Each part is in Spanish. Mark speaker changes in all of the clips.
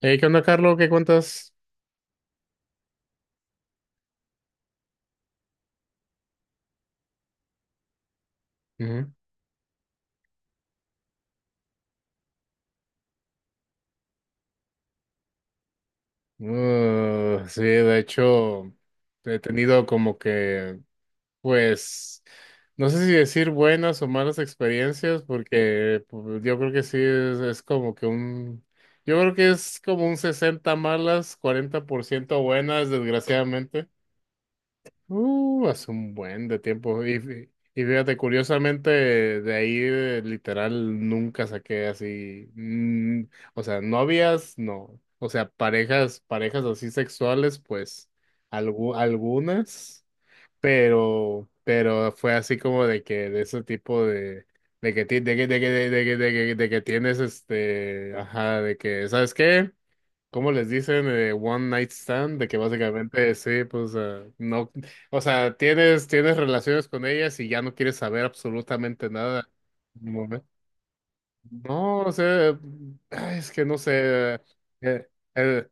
Speaker 1: Hey, ¿qué onda, Carlos? ¿Qué cuentas? Ujú. Sí, de hecho, he tenido como que, pues, no sé si decir buenas o malas experiencias, porque pues, yo creo que sí es como que un, yo creo que es como un 60 malas, 40% buenas, desgraciadamente. Hace un buen de tiempo. Y fíjate, curiosamente, de ahí literal nunca saqué así. O sea, novias, no. O sea, parejas, parejas así sexuales, pues algunas, pero fue así como de que de ese tipo de. De que, ti- de que, de que, De que tienes ajá, ¿sabes qué? ¿Cómo les dicen? One night stand, de que básicamente sí, pues no, o sea, tienes, tienes relaciones con ellas y ya no quieres saber absolutamente nada. Como ve- No, o sea, ay, es que no sé. eh, eh,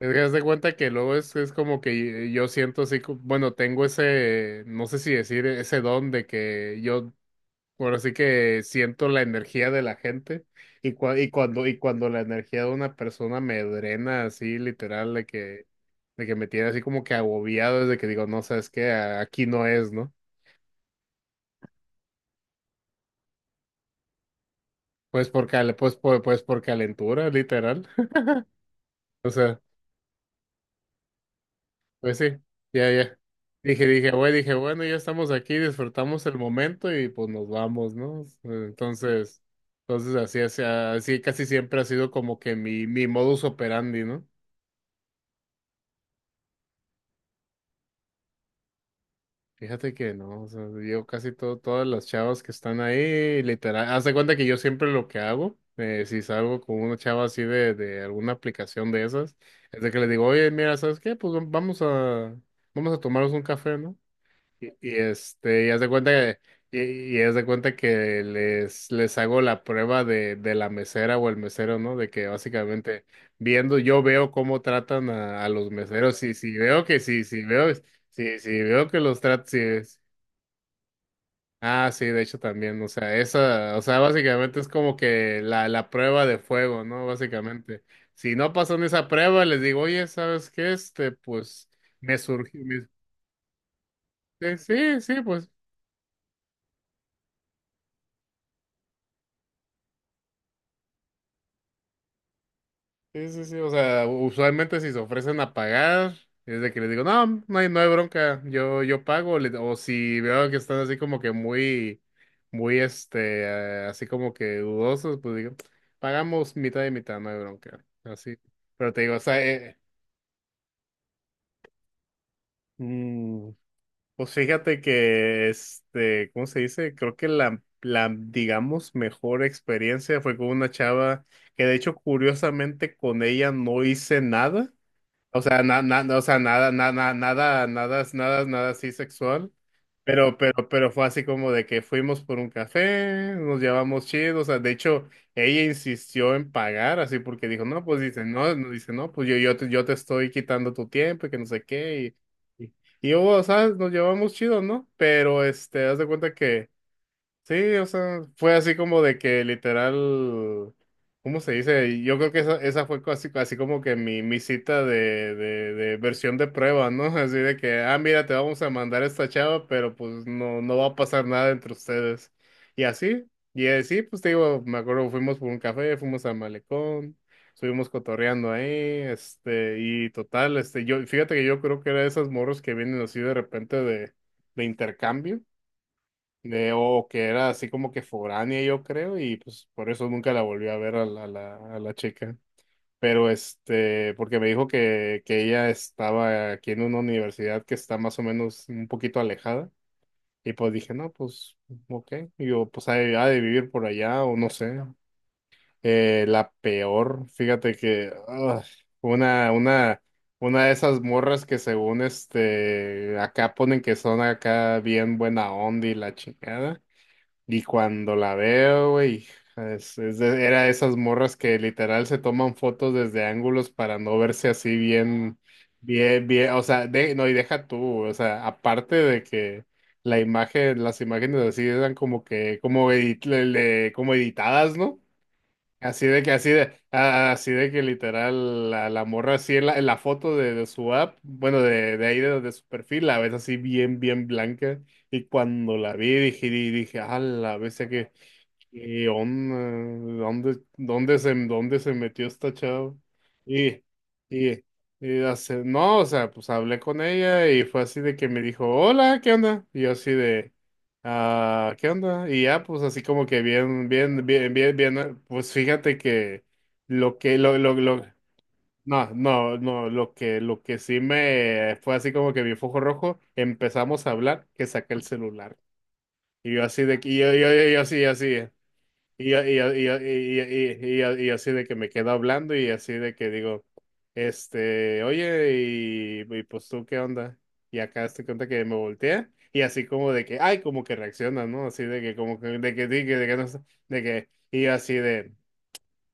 Speaker 1: es que haz de cuenta que luego es como que yo siento así, bueno, tengo ese, no sé si decir ese don de que yo ahora sí que siento la energía de la gente y cuando la energía de una persona me drena así literal de que me tiene así como que agobiado de que digo, no sabes qué, aquí no es, ¿no? Pues por calentura, literal. O sea, pues sí, ya ya. Dije, güey dije, bueno, ya estamos aquí, disfrutamos el momento y pues nos vamos, ¿no? Entonces, entonces así así, así casi siempre ha sido como que mi modus operandi, ¿no? Fíjate que no, o sea, yo casi todas las chavas que están ahí, literal, haz de cuenta que yo siempre lo que hago, si salgo con una chava así de alguna aplicación de esas, es de que le digo, oye, mira, ¿sabes qué? Pues vamos a tomarnos un café, ¿no? Y, y, este, y haz de cuenta que, y haz de cuenta que les hago la prueba de la mesera o el mesero, ¿no? De que básicamente viendo, yo veo cómo tratan a los meseros, y si si veo que los tratan, si es- ah, sí, de hecho también, o sea, esa, o sea, básicamente es como que la prueba de fuego, ¿no? Básicamente. Si no pasan esa prueba, les digo, oye, ¿sabes qué? Este, pues, me surgió, me- sí, sí, sí, pues. Sí, sí, sí, o sea, usualmente si se ofrecen a pagar, es de que les digo, no, no hay bronca, yo pago, o si veo que están así como que muy, muy, así como que dudosos, pues digo, pagamos mitad y mitad, no hay bronca, así, pero te digo, o sea, mm, pues fíjate que, este, ¿cómo se dice? Creo que la digamos, mejor experiencia fue con una chava que de hecho, curiosamente, con ella no hice nada. O sea, no, o sea, nada, nada, nada, nada, nada, nada así sexual. Pero fue así como de que fuimos por un café, nos llevamos chido, o sea, de hecho, ella insistió en pagar, así porque dijo, no, pues dice, no, dice, no, pues yo te estoy quitando tu tiempo y que no sé qué, y, y, y yo, o sea, nos llevamos chido, ¿no? Pero, este, haz de cuenta que sí, o sea, fue así como de que literal, ¿cómo se dice? Yo creo que esa fue casi, así como que mi cita de versión de prueba, ¿no? Así de que, ah, mira, te vamos a mandar esta chava, pero pues no, no va a pasar nada entre ustedes. Y así, y así, pues te digo, me acuerdo, fuimos por un café, fuimos al malecón, estuvimos cotorreando ahí, este, y total, este, yo, fíjate que yo creo que era de esas morros que vienen así de repente de intercambio de, o que era así como que foránea, yo creo, y pues por eso nunca la volví a ver a la chica. Pero este, porque me dijo que ella estaba aquí en una universidad que está más o menos un poquito alejada, y pues dije, no, pues, ok, y yo, pues ha de vivir por allá, o no sé. La peor, fíjate que, ah, una, una, una de esas morras que según este, acá ponen que son acá bien buena onda y la chingada. Y cuando la veo, güey, era de esas morras que literal se toman fotos desde ángulos para no verse así bien, bien, bien, o sea, no, y deja tú, o sea, aparte de que la imagen, las imágenes así eran como que, como, como editadas, ¿no? Así de que, así de, a- así de que literal, la morra así en la foto de su app, de su perfil, la ves así bien, bien blanca. Y cuando la vi, dije, ah, la bestia que onda, ¿dónde se metió esta chava? Y, y, no, o sea, pues hablé con ella y fue así de que me dijo, hola, ¿qué onda? Y yo así de ah, ¿qué onda? Y ya, pues así como que bien, bien, bien, bien, bien, pues fíjate que lo que, lo, lo, lo, no, no, no, lo que sí me fue así como que mi foco rojo, empezamos a hablar, que saqué el celular. Y yo así de, y yo así, así. Y, y y, y, y, y así de que me quedo hablando y así de que digo, este, oye, y pues tú, ¿qué onda? Y acá estoy cuenta que me voltea y así como de que, ay, como que reacciona, ¿no? Así de que como que no sé, y yo así de,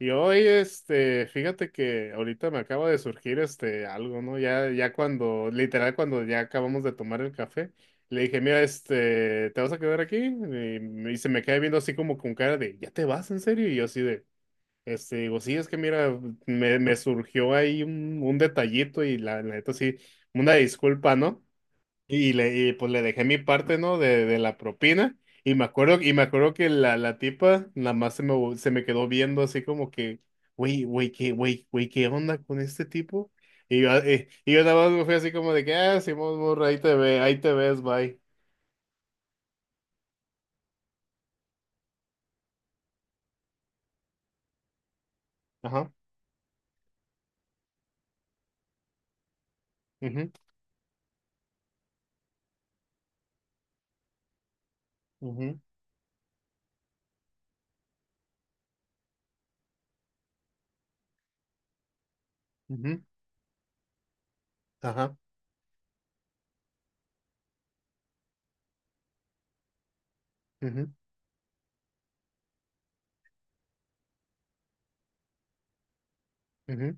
Speaker 1: y hoy, fíjate que ahorita me acaba de surgir este algo, ¿no? Ya, ya cuando, literal, cuando ya acabamos de tomar el café, le dije, mira, este, ¿te vas a quedar aquí? Y se me queda viendo así como con cara de, ¿ya te vas, en serio? Y yo así de, este, digo, sí, es que mira, me surgió ahí un detallito y la neta sí, una disculpa, ¿no? Y pues le dejé mi parte, ¿no? De la propina. Y me acuerdo que la tipa nada más se me quedó viendo así como que, güey, güey, ¿qué onda con este tipo? Y yo nada más me fui así como de que, ah, Simón Morra, ahí te ve, ahí te ves, bye. Ajá. Ujú, ujú, ujú, ajá. Ujú, ujú,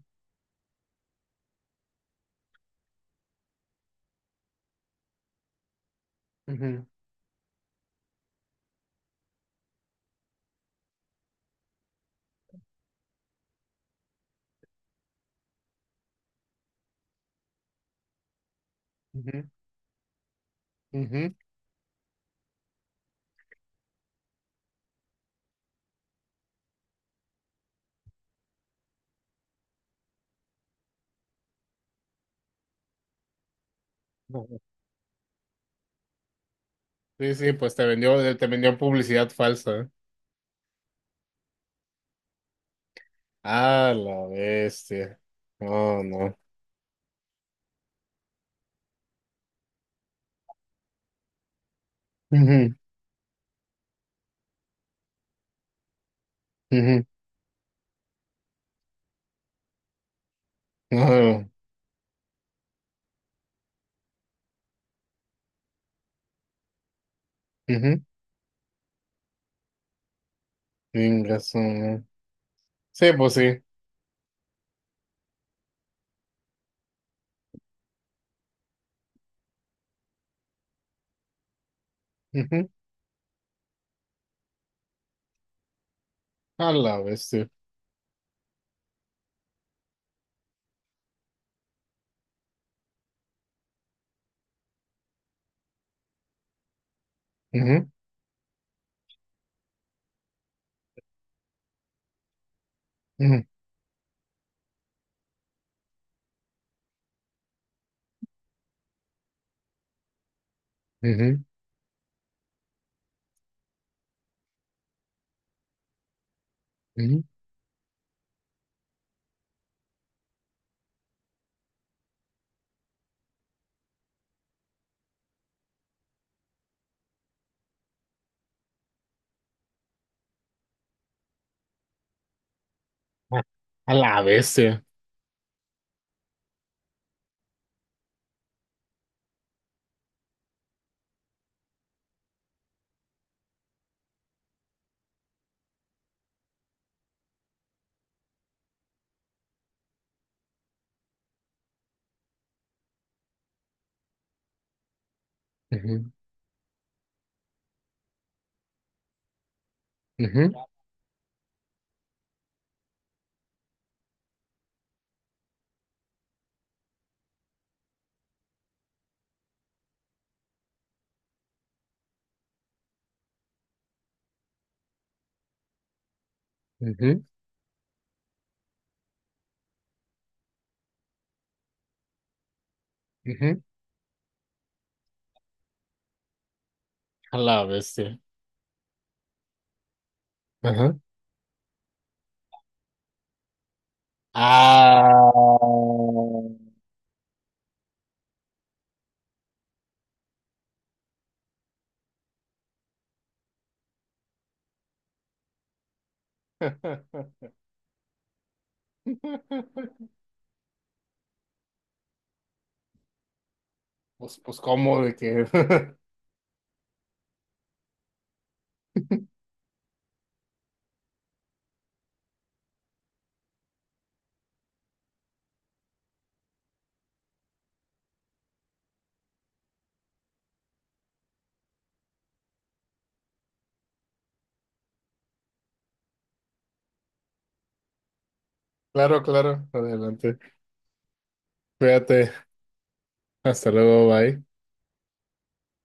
Speaker 1: ujú, ujú, ujú. Ujú. Sí, sí, pues te vendió publicidad falsa. ¿Eh? Ah, la bestia. No, no. Ujú, ujú. Ah, ujú, tienes razón. ¿No? Sí, pues sí. Ujú, a la bestia. Ujú, ujú, ujú, ujú, A a la bestia. Ujú, ujú, ujú, ujú, a la bestia. Ajá. Ah. Pues, pues, ¿cómo de que? Claro, claro. Adelante. Cuídate. Hasta luego. Bye.